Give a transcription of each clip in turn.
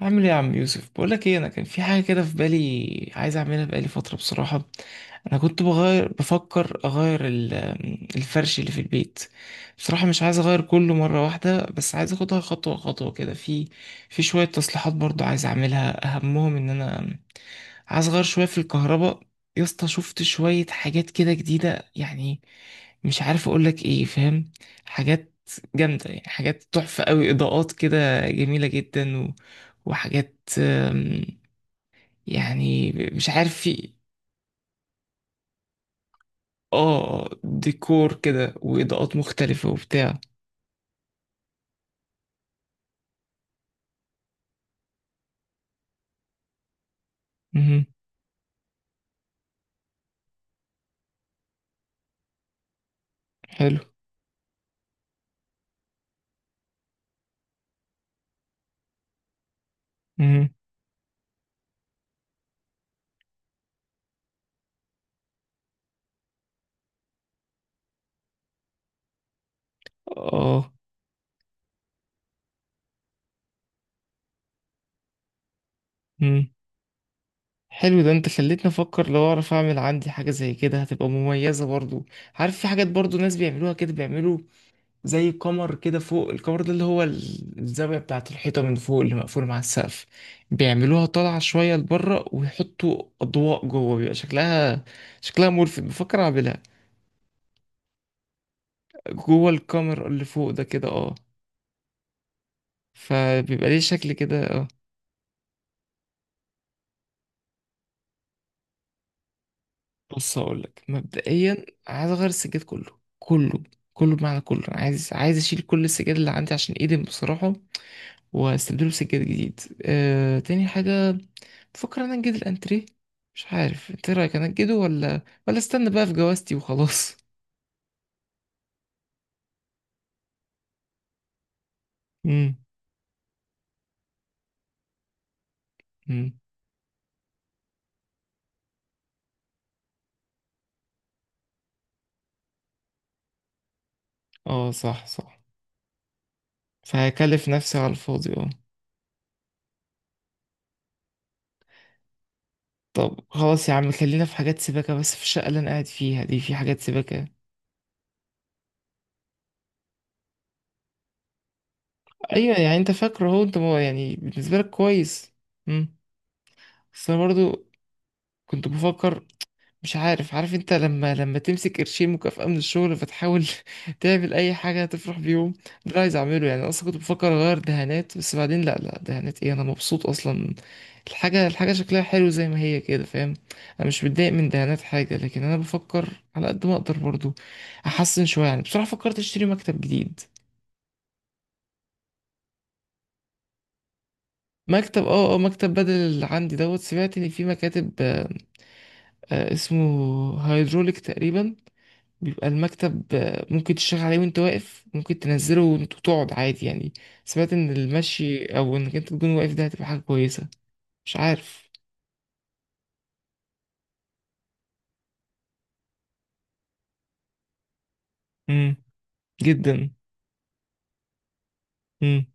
عامل ايه يا عم يوسف؟ بقولك ايه، انا كان في حاجه كده في بالي عايز اعملها بقالي فتره بصراحه. انا كنت بفكر اغير الفرش اللي في البيت. بصراحه مش عايز اغير كله مره واحده، بس عايز اخدها خطوه خطوه كده. في شويه تصليحات برضو عايز اعملها، اهمهم ان انا عايز اغير شويه في الكهرباء. يا اسطى، شفت شويه حاجات كده جديده يعني، مش عارف اقولك ايه، فاهم؟ حاجات جامدة يعني، حاجات تحفة قوي، إضاءات كده جميلة جدا وحاجات. يعني مش عارف، في اه ديكور كده وإضاءات مختلفة وبتاع. مهم. حلو. مهم. اه. مم. حلو، ده انت خليتني افكر، لو اعرف اعمل عندي حاجة زي كده هتبقى مميزة برضو. عارف في حاجات برضو ناس بيعملوها كده، بيعملوا زي قمر كده فوق، القمر ده اللي هو الزاوية بتاعة الحيطة من فوق اللي مقفول مع السقف، بيعملوها طالعة شوية لبره ويحطوا أضواء جوه، بيبقى شكلها ملفت، بفكر أعملها. جوه الكاميرا اللي فوق ده كده، اه. فبيبقى ليه شكل كده، اه. بص هقولك مبدئيا، عايز اغير السجاد كله، كله، كله، بمعنى كله. أنا عايز اشيل كل السجاد اللي عندي عشان ايدم بصراحة، واستبدله بسجاد جديد. تاني حاجة، بفكر انا انجد الانتريه، مش عارف انت إيه رايك؟ انا انجده ولا استنى بقى في جوازتي وخلاص. امم. امم. اه، صح صح. فهكلف نفسي على الفاضي، اه. طب خلاص يا عم، خلينا في حاجات سباكة بس، في الشقة اللي أنا قاعد فيها دي في حاجات سباكة. ايوه، يعني انت فاكره هو انت يعني بالنسبه لك كويس. امم. بس انا برضو كنت بفكر، مش عارف، عارف انت لما تمسك قرشين مكافأة من الشغل فتحاول تعمل اي حاجه تفرح بيهم ده، اللي عايز اعمله يعني. انا اصلا كنت بفكر اغير دهانات، بس بعدين لا، لا دهانات ايه، انا مبسوط اصلا. الحاجه شكلها حلو زي ما هي كده، فاهم؟ انا مش متضايق من دهانات حاجه، لكن انا بفكر على قد ما اقدر برضو احسن شويه، يعني بصراحه فكرت اشتري مكتب جديد. مكتب، مكتب بدل اللي عندي دوت. سمعت ان في مكاتب، اسمه هيدروليك تقريبا، بيبقى المكتب، ممكن تشتغل عليه وانت واقف، ممكن تنزله وانت تقعد عادي يعني. سمعت ان المشي او انك انت تكون واقف ده هتبقى حاجة كويسة، مش عارف. امم. جدا. امم.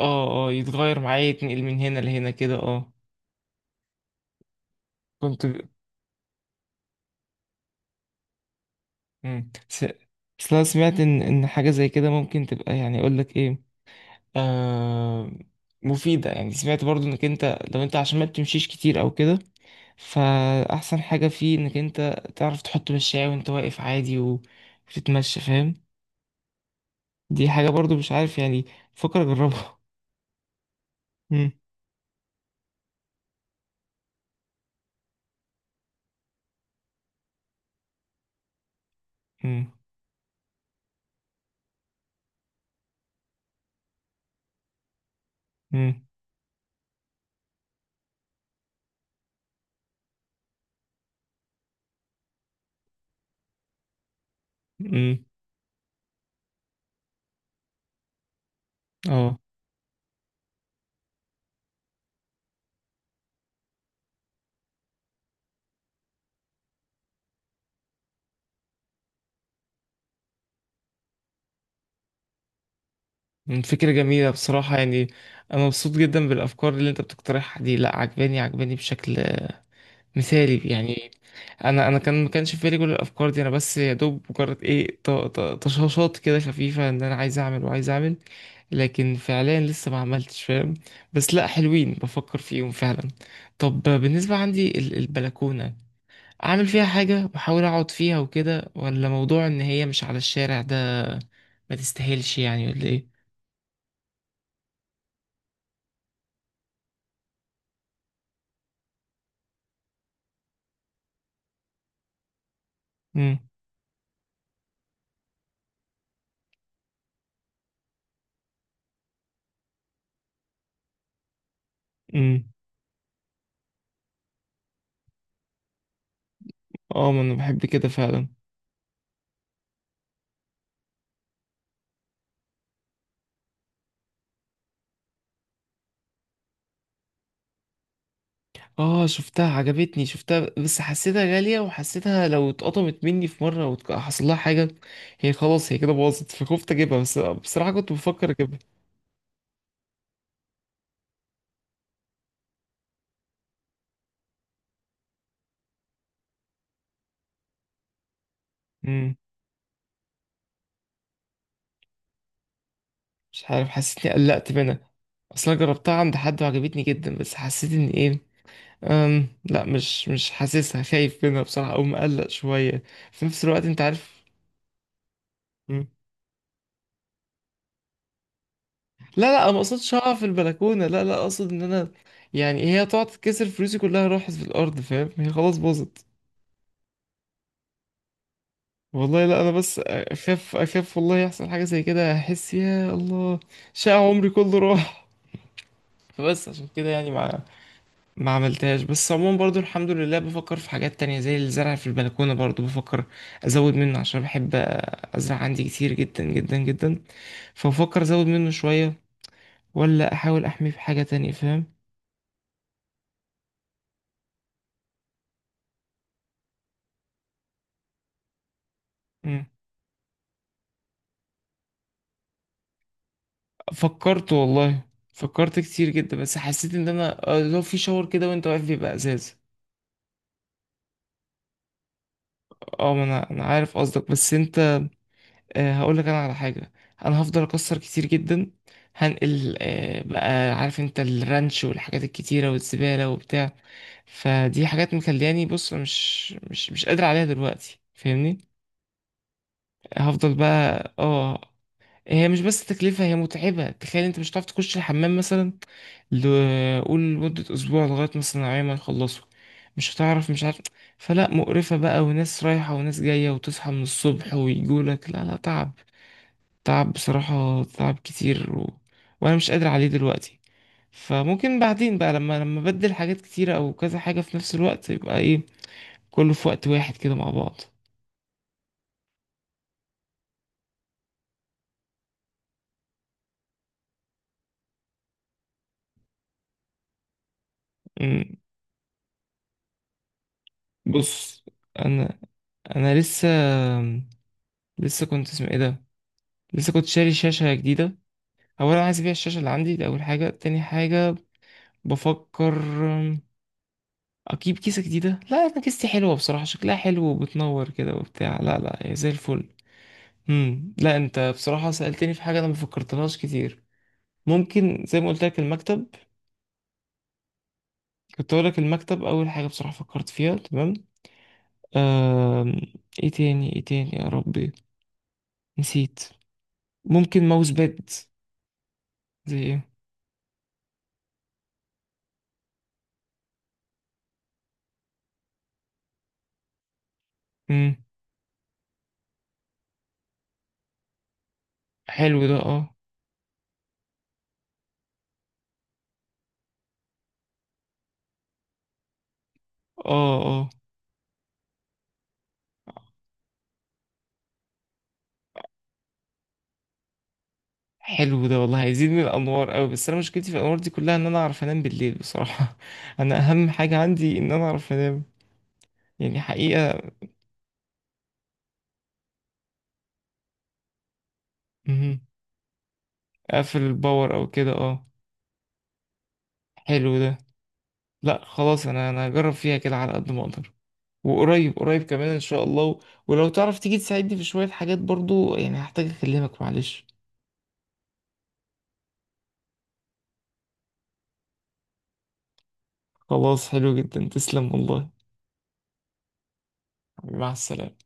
اه اه، يتغير معايا، يتنقل من هنا لهنا كده، اه. كنت امم س... بس أنا سمعت ان حاجة زي كده ممكن تبقى، يعني اقول لك ايه، آه، مفيدة يعني. سمعت برضو انك انت، لو انت عشان ما بتمشيش كتير او كده، فأحسن حاجة فيه انك انت تعرف تحط مشاية وانت واقف عادي، و- وتتمشى، فاهم؟ دي حاجة برضو مش عارف يعني، فكر اجربها. مم. مم. مم. مم. اه. مم، فكرة جميلة بصراحة يعني، انا مبسوط جدا بالافكار اللي انت بتقترحها دي، لا عجباني بشكل مثالي يعني. انا كان ما كانش في بالي كل الافكار دي، انا بس يا دوب مجرد ايه، طشاشات كده خفيفه، ان انا عايز اعمل وعايز اعمل، لكن فعليا لسه ما عملتش فاهم. بس لا، حلوين، بفكر فيهم فعلا. طب بالنسبه عندي البلكونه، اعمل فيها حاجه واحاول اقعد فيها وكده، ولا موضوع ان هي مش على الشارع ده ما تستاهلش يعني؟ ولا ايه؟ امم. امم. اه، ما انا بحب كده فعلا. اه، شفتها عجبتني، شفتها بس حسيتها غالية، وحسيتها لو اتقطمت مني في مرة وحصل لها حاجة، هي خلاص، هي كده باظت، فخفت اجيبها، بس بصراحة كنت بفكر اجيبها. امم. مش عارف، حسيتني قلقت منها، اصلا جربتها عند حد وعجبتني جدا، بس حسيت ان ايه، لا، مش حاسسها، خايف منها بصراحة او مقلق شوية. في نفس الوقت انت عارف. مم. لا لا، انا ما قصدش اقع في البلكونة، لا لا، اقصد ان انا يعني هي تقعد تكسر، فلوسي كلها راحت في الارض فاهم، هي خلاص باظت. والله لا، انا بس اخاف، اخاف والله يحصل حاجه زي كده احس يا الله شقى عمري كله راح. فبس عشان كده يعني ما عملتهاش. بس عموما برضو الحمد لله، بفكر في حاجات تانية زي الزرع في البلكونه، برضو بفكر ازود منه، عشان بحب ازرع عندي كتير جدا جدا جدا، فبفكر ازود منه شويه، ولا احاول احميه بحاجه تانية، فاهم. مم. فكرت والله، فكرت كتير جدا، بس حسيت ان انا، لو في شاور كده وانت واقف بيبقى ازاز. اه، ما انا عارف قصدك، بس انت، هقول لك انا على حاجه، انا هفضل اكسر كتير جدا، هنقل، بقى عارف انت الرانش والحاجات الكتيره والزباله وبتاع، فدي حاجات مخلياني، بص مش قادر عليها دلوقتي فاهمني. هفضل بقى، اه. هي مش بس تكلفه، هي متعبه، تخيل انت مش هتعرف تخش الحمام مثلا، قول لمده اسبوع لغايه مثلا العيال ما يخلصوا، مش هتعرف، مش عارف. فلا، مقرفه بقى، وناس رايحه وناس جايه، وتصحى من الصبح ويجولك لا لا، تعب، تعب بصراحة، تعب كتير و... وأنا مش قادر عليه دلوقتي. فممكن بعدين بقى لما أبدل حاجات كتيرة أو كذا حاجة في نفس الوقت يبقى إيه، كله في وقت واحد كده مع بعض. أمم، بص، أنا أنا لسه كنت، اسمه إيه ده، لسه كنت شاري شاشة جديدة. أولا عايز أبيع الشاشة اللي عندي دي أول حاجة، تاني حاجة بفكر أم، أجيب كيسة جديدة، لا أنا كيستي حلوة بصراحة، شكلها حلو وبتنور كده وبتاع، لا لا هي زي الفل. امم. لا انت بصراحة سألتني في حاجة انا ما فكرتلهاش كتير، ممكن زي ما قلت لك المكتب، كنت اقول لك المكتب اول حاجة بصراحة فكرت فيها، تمام. آم... ايه تاني، ايه تاني يا ربي، نسيت. ممكن ماوس باد. زي ايه؟ امم. حلو ده. اه اه اه. حلو ده والله، هيزيد من الانوار قوي، بس انا مشكلتي في الانوار دي كلها ان انا اعرف انام بالليل بصراحة. انا اهم حاجة عندي ان انا اعرف انام، يعني حقيقة. مهم. اقفل الباور او كده، اه. حلو ده. لا خلاص، انا هجرب فيها كده على قد ما اقدر، وقريب قريب كمان ان شاء الله و... ولو تعرف تيجي تساعدني في شوية حاجات برضو يعني، هحتاج اكلمك، معلش. خلاص، حلو جدا، تسلم والله. مع السلامة.